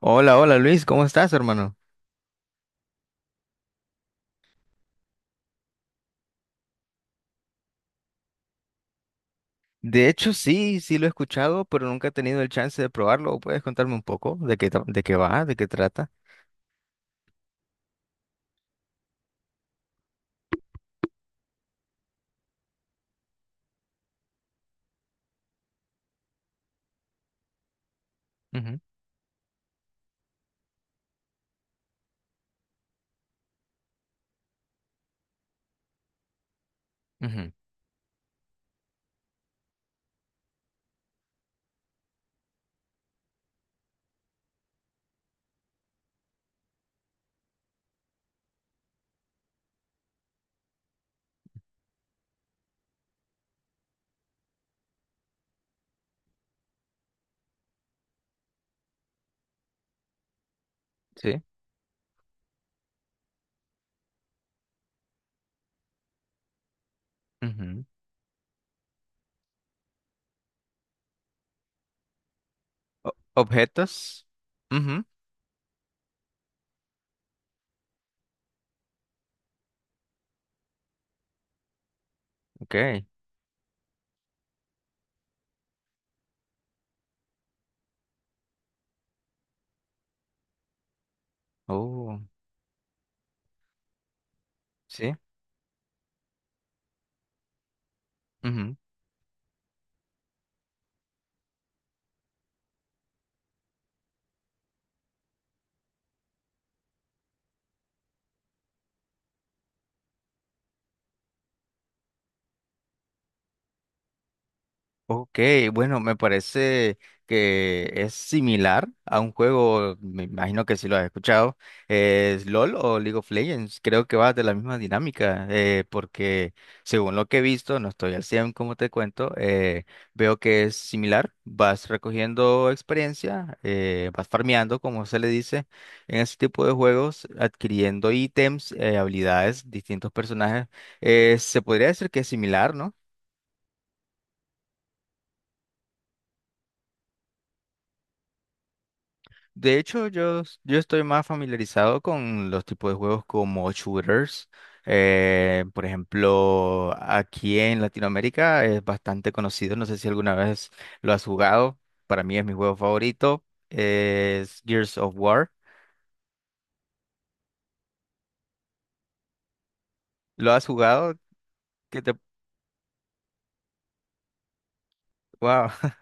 Hola, hola Luis, ¿cómo estás, hermano? De hecho, sí, sí lo he escuchado, pero nunca he tenido el chance de probarlo. ¿Puedes contarme un poco de qué va, de qué trata? Ujú, ujú, sí. Ujú, objetos. Ujú, ok. Oh, sí. Ok, bueno, me parece que es similar a un juego, me imagino que si lo has escuchado, es LOL o League of Legends. Creo que va de la misma dinámica, porque según lo que he visto, no estoy al 100. Como te cuento, veo que es similar, vas recogiendo experiencia, vas farmeando, como se le dice, en ese tipo de juegos, adquiriendo ítems, habilidades, distintos personajes. Se podría decir que es similar, ¿no? De hecho, yo estoy más familiarizado con los tipos de juegos como shooters. Por ejemplo, aquí en Latinoamérica es bastante conocido. No sé si alguna vez lo has jugado. Para mí es mi juego favorito. Es Gears of War. ¿Lo has jugado? ¿Qué te... Wow.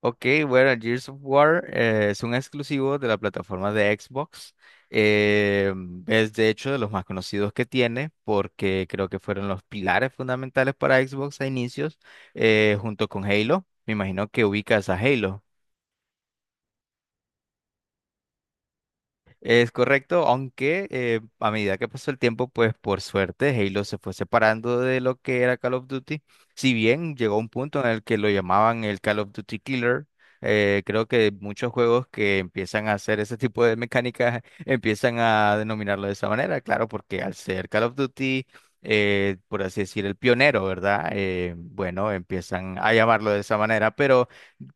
Ok, bueno, Gears of War es un exclusivo de la plataforma de Xbox. Eh, es de hecho de los más conocidos que tiene porque creo que fueron los pilares fundamentales para Xbox a inicios, junto con Halo. Me imagino que ubicas a Halo. Es correcto, aunque, a medida que pasó el tiempo, pues por suerte Halo se fue separando de lo que era Call of Duty. Si bien llegó un punto en el que lo llamaban el Call of Duty Killer, creo que muchos juegos que empiezan a hacer ese tipo de mecánicas empiezan a denominarlo de esa manera, claro, porque al ser Call of Duty, por así decir, el pionero, ¿verdad? Bueno, empiezan a llamarlo de esa manera, pero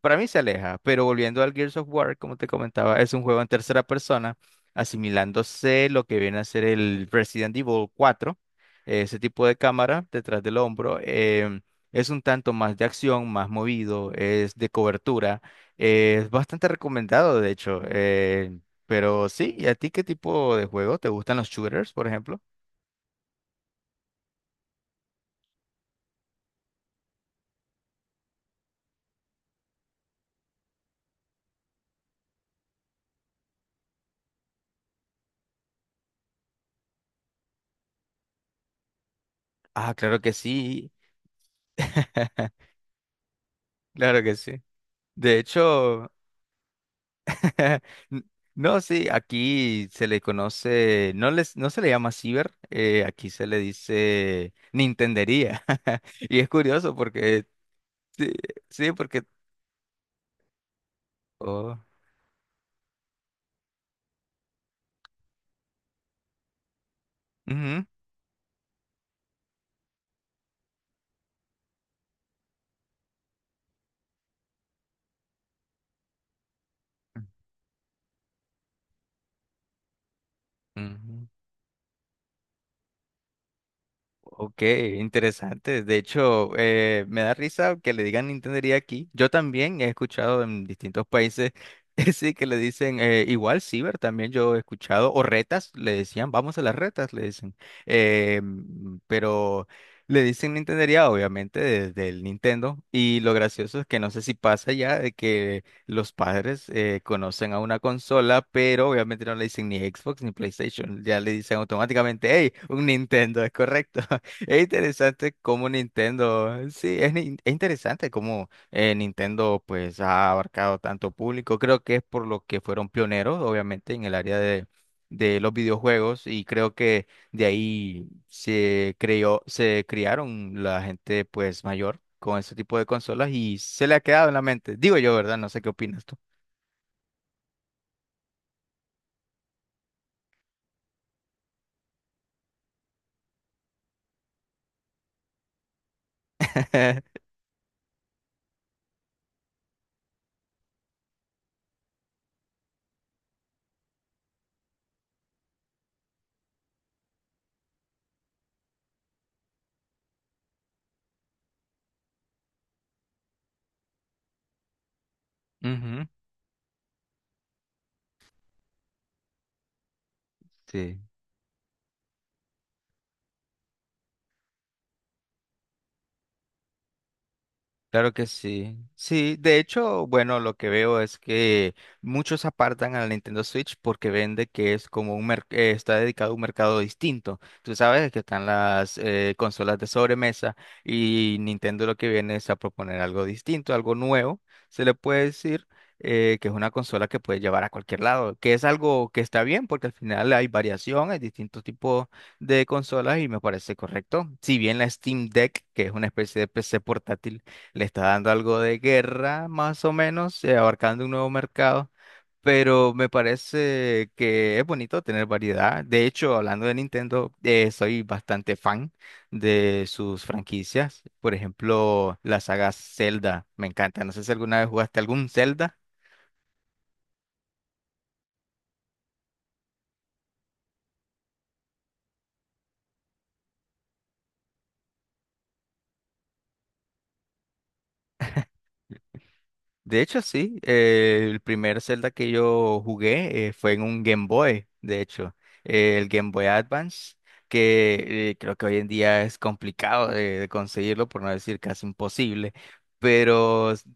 para mí se aleja. Pero volviendo al Gears of War, como te comentaba, es un juego en tercera persona, asimilándose lo que viene a ser el Resident Evil 4, ese tipo de cámara detrás del hombro. Es un tanto más de acción, más movido, es de cobertura, es bastante recomendado, de hecho. Pero sí, ¿y a ti qué tipo de juego? ¿Te gustan los shooters, por ejemplo? Ah, claro que sí, claro que sí. De hecho, no, sí, aquí se le conoce, no se le llama ciber, aquí se le dice Nintendería. Y es curioso porque, sí, sí, porque, oh, ujú, ujú. Ok, interesante. De hecho, me da risa que le digan Nintendería aquí. Yo también he escuchado en distintos países, sí, que le dicen, igual Ciber, también yo he escuchado, o retas, le decían, vamos a las retas, le dicen. Pero le dicen Nintendería, obviamente, desde el Nintendo. Y lo gracioso es que no sé si pasa ya de que los padres, conocen a una consola, pero obviamente no le dicen ni Xbox ni PlayStation, ya le dicen automáticamente, hey, un Nintendo, es correcto. Es interesante cómo Nintendo, sí, es interesante cómo, Nintendo pues ha abarcado tanto público. Creo que es por lo que fueron pioneros, obviamente, en el área de, los videojuegos y creo que de ahí se criaron la gente pues mayor con ese tipo de consolas y se le ha quedado en la mente. Digo yo, ¿verdad? No sé qué opinas tú. Ujú, sí. Claro que sí. Sí, de hecho, bueno, lo que veo es que muchos apartan a la Nintendo Switch porque vende que es como un está dedicado a un mercado distinto. Tú sabes que están las, consolas de sobremesa y Nintendo lo que viene es a proponer algo distinto, algo nuevo. Se le puede decir, que es una consola que puede llevar a cualquier lado, que es algo que está bien porque al final hay variación, hay distintos tipos de consolas y me parece correcto. Si bien la Steam Deck, que es una especie de PC portátil, le está dando algo de guerra, más o menos, abarcando un nuevo mercado. Pero me parece que es bonito tener variedad. De hecho, hablando de Nintendo, soy bastante fan de sus franquicias. Por ejemplo, la saga Zelda, me encanta. No sé si alguna vez jugaste algún Zelda. De hecho, sí. El primer Zelda que yo jugué, fue en un Game Boy, de hecho. El Game Boy Advance, que, creo que hoy en día es complicado de conseguirlo, por no decir casi imposible. Pero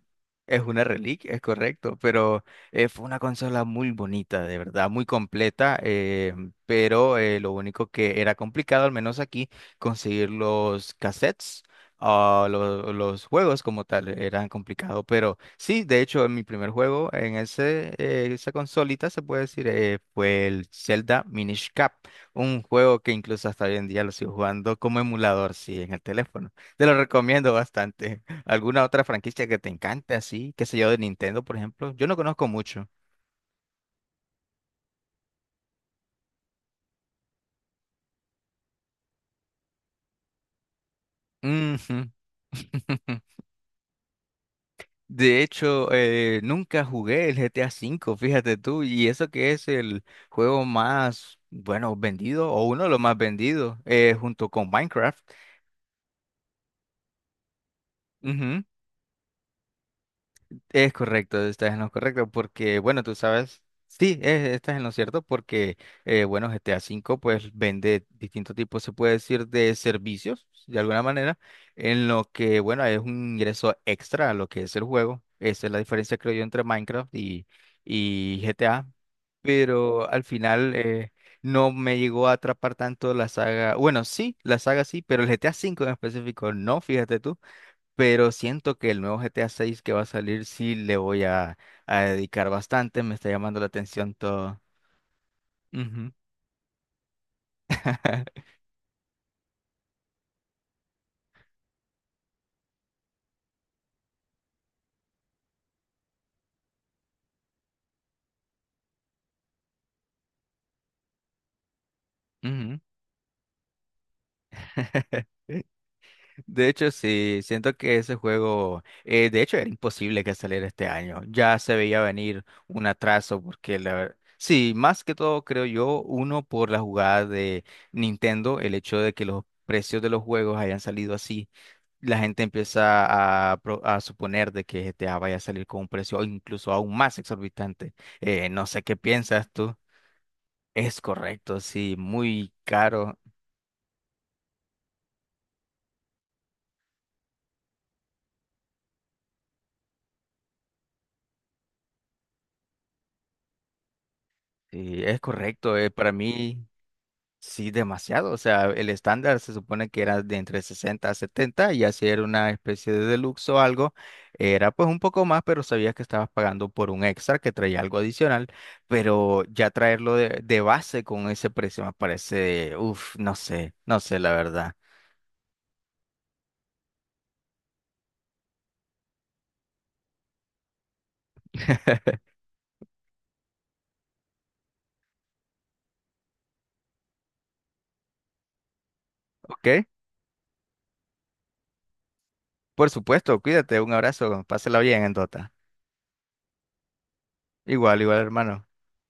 es una reliquia, es correcto. Pero, fue una consola muy bonita, de verdad, muy completa. Pero, lo único que era complicado, al menos aquí, conseguir los cassettes. Ah, los juegos como tal eran complicados, pero sí, de hecho, en mi primer juego en ese, esa consolita se puede decir, fue el Zelda Minish Cap, un juego que incluso hasta hoy en día lo sigo jugando como emulador, sí, en el teléfono. Te lo recomiendo bastante. ¿Alguna otra franquicia que te encante así? ¿Qué sé yo, de Nintendo, por ejemplo? Yo no conozco mucho. Ujú. De hecho, nunca jugué el GTA V, fíjate tú, y eso que es el juego más, bueno, vendido o uno de los más vendidos, junto con Minecraft. Ujú. Es correcto, estás en lo correcto, porque bueno, tú sabes, sí, estás en lo cierto, porque, bueno, GTA V pues vende distintos tipos, se puede decir, de servicios, de alguna manera, en lo que bueno, es un ingreso extra a lo que es el juego. Esa es la diferencia, creo yo, entre Minecraft y, GTA, pero al final, no me llegó a atrapar tanto la saga, bueno, sí, la saga sí, pero el GTA V en específico no, fíjate tú, pero siento que el nuevo GTA 6 que va a salir sí le voy a dedicar bastante, me está llamando la atención todo. Ujú. Ujú. De hecho, sí, siento que ese juego, de hecho, era imposible que saliera este año. Ya se veía venir un atraso porque la sí, más que todo creo yo, uno por la jugada de Nintendo, el hecho de que los precios de los juegos hayan salido así, la gente empieza a suponer de que GTA vaya a salir con un precio incluso aún más exorbitante. No sé qué piensas tú. Es correcto, sí, muy caro. Sí, es correcto. Para mí, sí, demasiado. O sea, el estándar se supone que era de entre 60 a 70 y así era una especie de deluxe o algo. Era pues un poco más, pero sabías que estabas pagando por un extra que traía algo adicional. Pero ya traerlo de, base con ese precio me parece, uff, no sé, no sé la verdad. ¿Ok? Por supuesto, cuídate, un abrazo, pásela bien en Dota. Igual, igual, hermano.